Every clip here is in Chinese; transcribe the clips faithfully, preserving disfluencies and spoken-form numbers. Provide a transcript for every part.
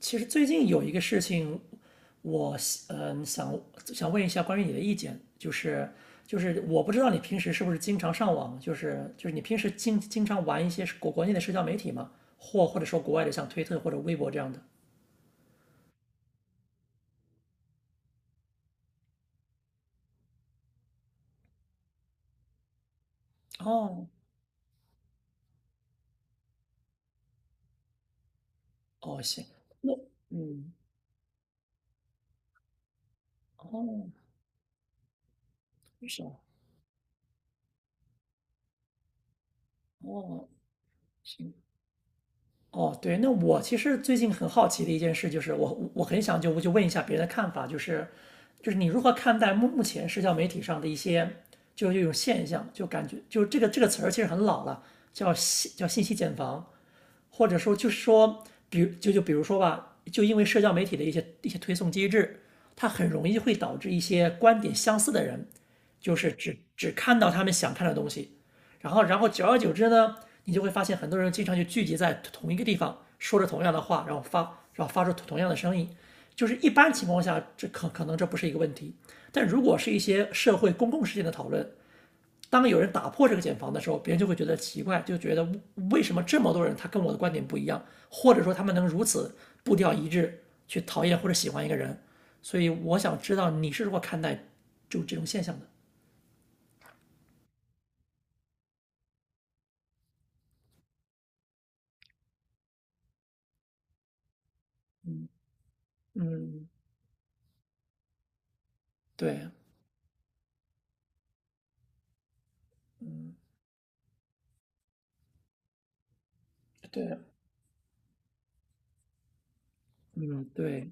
其实最近有一个事情，我嗯、呃想想问一下关于你的意见，就是就是我不知道你平时是不是经常上网，就是就是你平时经经常玩一些国国内的社交媒体嘛，或或者说国外的像推特或者微博这样的？哦哦，行，那，嗯，哦，是啊，哦，哦，行。哦，对，那我其实最近很好奇的一件事就是我，我很想就我就问一下别人的看法，就是就是你如何看待目目前社交媒体上的一些就是这种现象，就感觉就这个这个词儿其实很老了，叫信叫信息茧房，或者说就是说，比如就就比如说吧，就因为社交媒体的一些一些推送机制，它很容易会导致一些观点相似的人，就是只只看到他们想看的东西，然后然后久而久之呢，你就会发现很多人经常就聚集在同一个地方，说着同样的话，然后发然后发出同样的声音，就是一般情况下这可可能这不是一个问题，但如果是一些社会公共事件的讨论，当有人打破这个茧房的时候，别人就会觉得奇怪，就觉得为什么这么多人他跟我的观点不一样，或者说他们能如此步调一致去讨厌或者喜欢一个人。所以我想知道你是如何看待就这种现象的。嗯，对，嗯，对，嗯，对，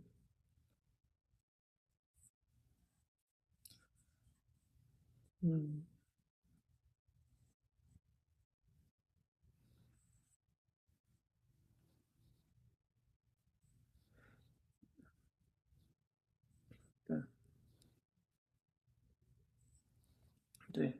嗯，对，对，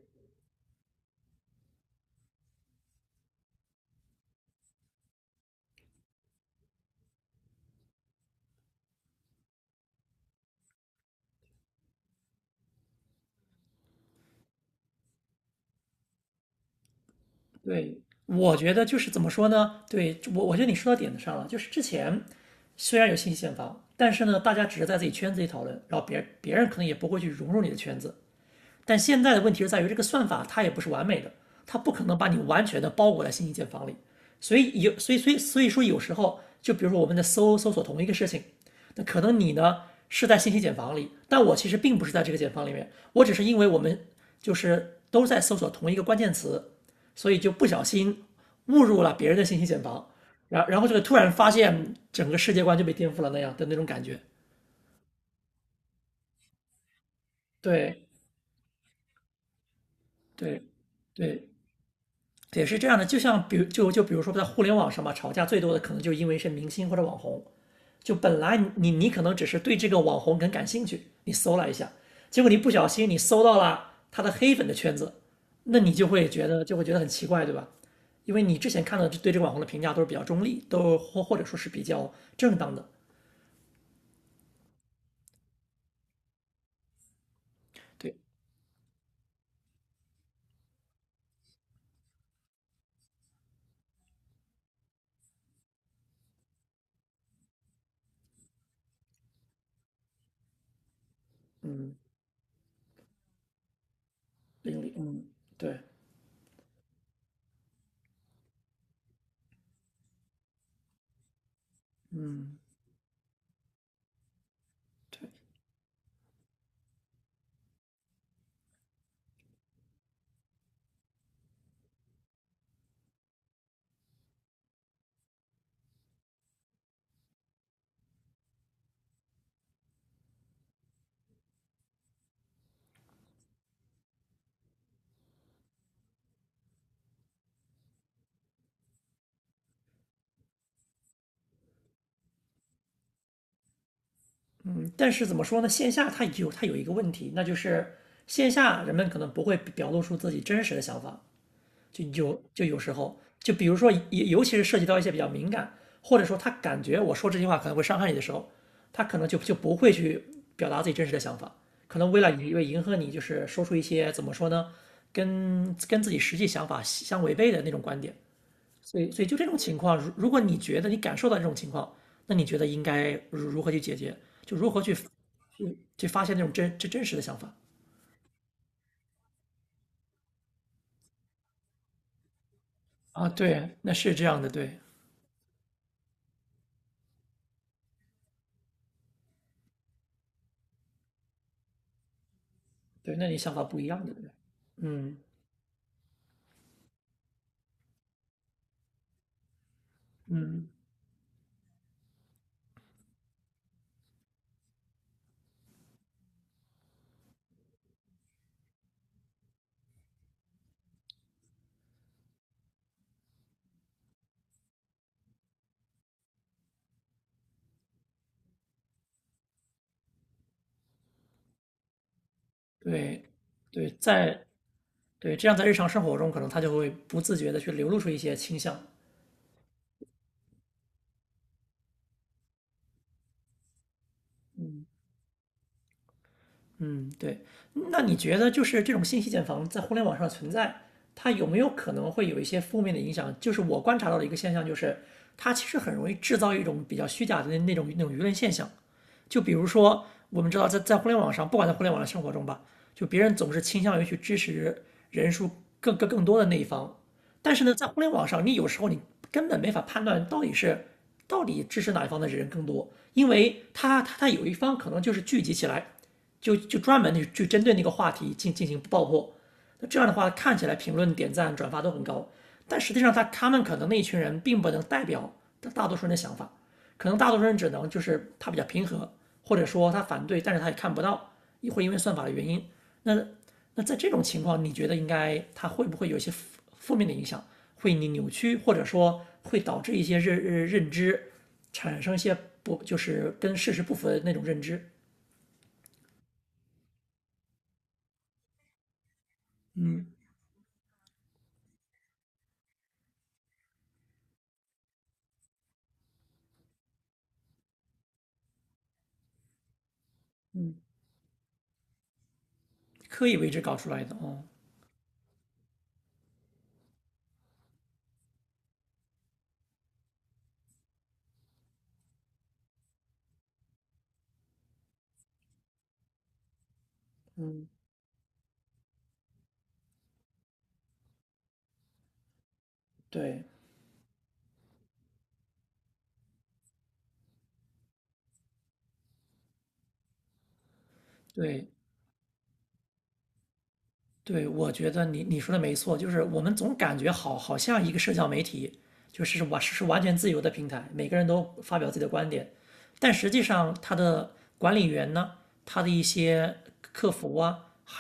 对。我觉得就是怎么说呢？对，我，我觉得你说到点子上了。就是之前虽然有信息茧房，但是呢，大家只是在自己圈子里讨论，然后别别人可能也不会去融入你的圈子。但现在的问题是在于这个算法它也不是完美的，它不可能把你完全的包裹在信息茧房里。所以有，所以所以所以说有时候，就比如说我们在搜搜索同一个事情，那可能你呢是在信息茧房里，但我其实并不是在这个茧房里面，我只是因为我们就是都在搜索同一个关键词，所以就不小心误入了别人的信息茧房，然然后这个突然发现整个世界观就被颠覆了那样的那种感觉。对对对，也是这样的，就像比如就就比如说在互联网上嘛，吵架最多的可能就因为是明星或者网红。就本来你你可能只是对这个网红很感兴趣，你搜了一下，结果你不小心你搜到了他的黑粉的圈子，那你就会觉得就会觉得很奇怪，对吧？因为你之前看到对这个网红的评价都是比较中立，都或或者说是比较正当的。对，嗯，另类，嗯，对，嗯，对。但是怎么说呢？线下它有它有一个问题，那就是线下人们可能不会表露出自己真实的想法，就有就有时候，就比如说，尤尤其是涉及到一些比较敏感，或者说他感觉我说这句话可能会伤害你的时候，他可能就就不会去表达自己真实的想法，可能为了为迎合你，就是说出一些怎么说呢，跟跟自己实际想法相违背的那种观点。所以，所以就这种情况，如如果你觉得你感受到这种情况，那你觉得应该如如何去解决？就如何去去去发现那种真真真实的想法啊？对，那是这样的，对，对，那你想法不一样的，对，嗯，嗯，对，对，在，对，这样，在日常生活中，可能他就会不自觉的去流露出一些倾向，嗯，对。那你觉得就是这种信息茧房在互联网上存在，它有没有可能会有一些负面的影响？就是我观察到的一个现象，就是它其实很容易制造一种比较虚假的那种那种舆论现象。就比如说，我们知道在在互联网上，不管在互联网的生活中吧，就别人总是倾向于去支持人数更更更多的那一方，但是呢，在互联网上，你有时候你根本没法判断到底是到底支持哪一方的人更多，因为他他他有一方可能就是聚集起来，就就专门去去针对那个话题进进行爆破，那这样的话看起来评论、点赞、转发都很高，但实际上他他们可能那一群人并不能代表大大多数人的想法。可能大多数人只能就是他比较平和，或者说他反对，但是他也看不到，也会因为算法的原因。那在这种情况，你觉得应该他会不会有一些负负面的影响，会你扭曲，或者说会导致一些认认认知产生一些不就是跟事实不符的那种认知，嗯，刻意为之搞出来的哦，对，对，对，我觉得你你说的没错，就是我们总感觉好好像一个社交媒体就是完是完全自由的平台，每个人都发表自己的观点，但实际上它的管理员呢，他的一些客服啊，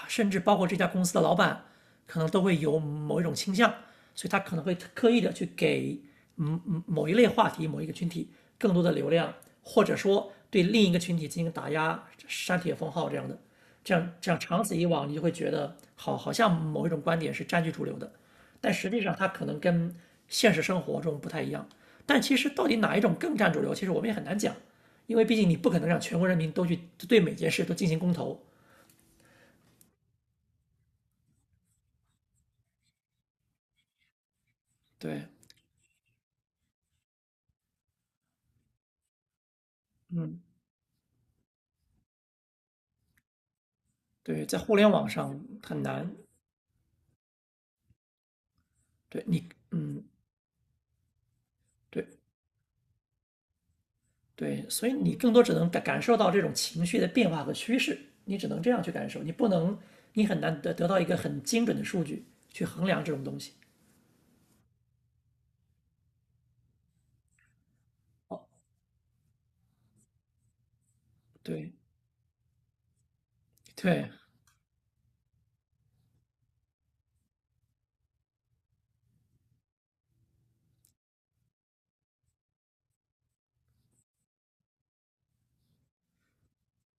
甚至包括这家公司的老板，可能都会有某一种倾向，所以他可能会刻意的去给嗯嗯某一类话题、某一个群体更多的流量，或者说对另一个群体进行打压、删帖封号这样的。这样这样长此以往，你就会觉得好好像某一种观点是占据主流的，但实际上它可能跟现实生活中不太一样。但其实到底哪一种更占主流，其实我们也很难讲，因为毕竟你不可能让全国人民都去对每件事都进行公投。对，嗯，对，在互联网上很难。对，你，嗯，对，对，所以你更多只能感感受到这种情绪的变化和趋势，你只能这样去感受，你不能，你很难得得到一个很精准的数据去衡量这种东西。对，对，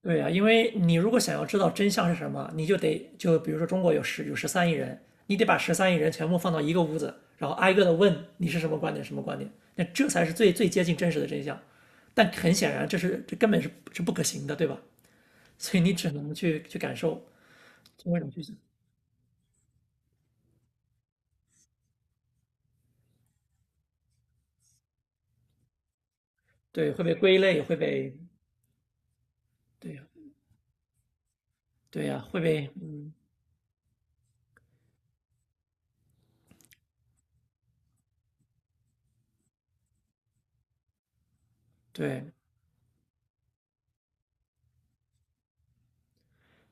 对呀，因为你如果想要知道真相是什么，你就得就比如说中国有十有十三亿人，你得把十三亿人全部放到一个屋子，然后挨个的问你是什么观点，什么观点，那这才是最最接近真实的真相。但很显然，这是这根本是是不可行的，对吧？所以你只能去去感受，通过什种去想，对，会被归类，会被，对呀，对呀，会被，嗯，对，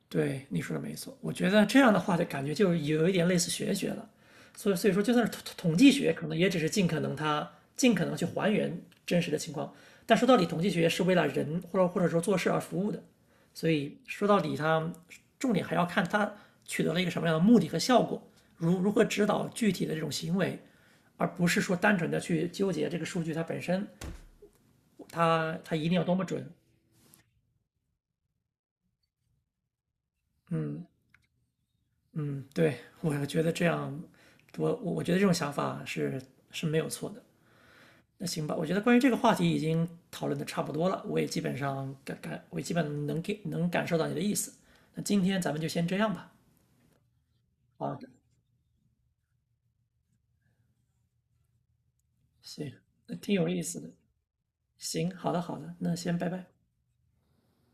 对，你说的没错。我觉得这样的话，的感觉就有一点类似玄学了。所以，所以说，就算是统统计学，可能也只是尽可能它尽可能去还原真实的情况。但说到底，统计学是为了人或者或者说做事而服务的。所以说到底，它重点还要看它取得了一个什么样的目的和效果，如如何指导具体的这种行为，而不是说单纯的去纠结这个数据它本身，它它一定要多么准，嗯，对，我觉得这样，我我我觉得这种想法是是没有错的。那行吧，我觉得关于这个话题已经讨论的差不多了，我也基本上感感，我也基本能给能感受到你的意思。那今天咱们就先这样吧。好的，行，那挺有意思的。行，好的好的，那先拜拜。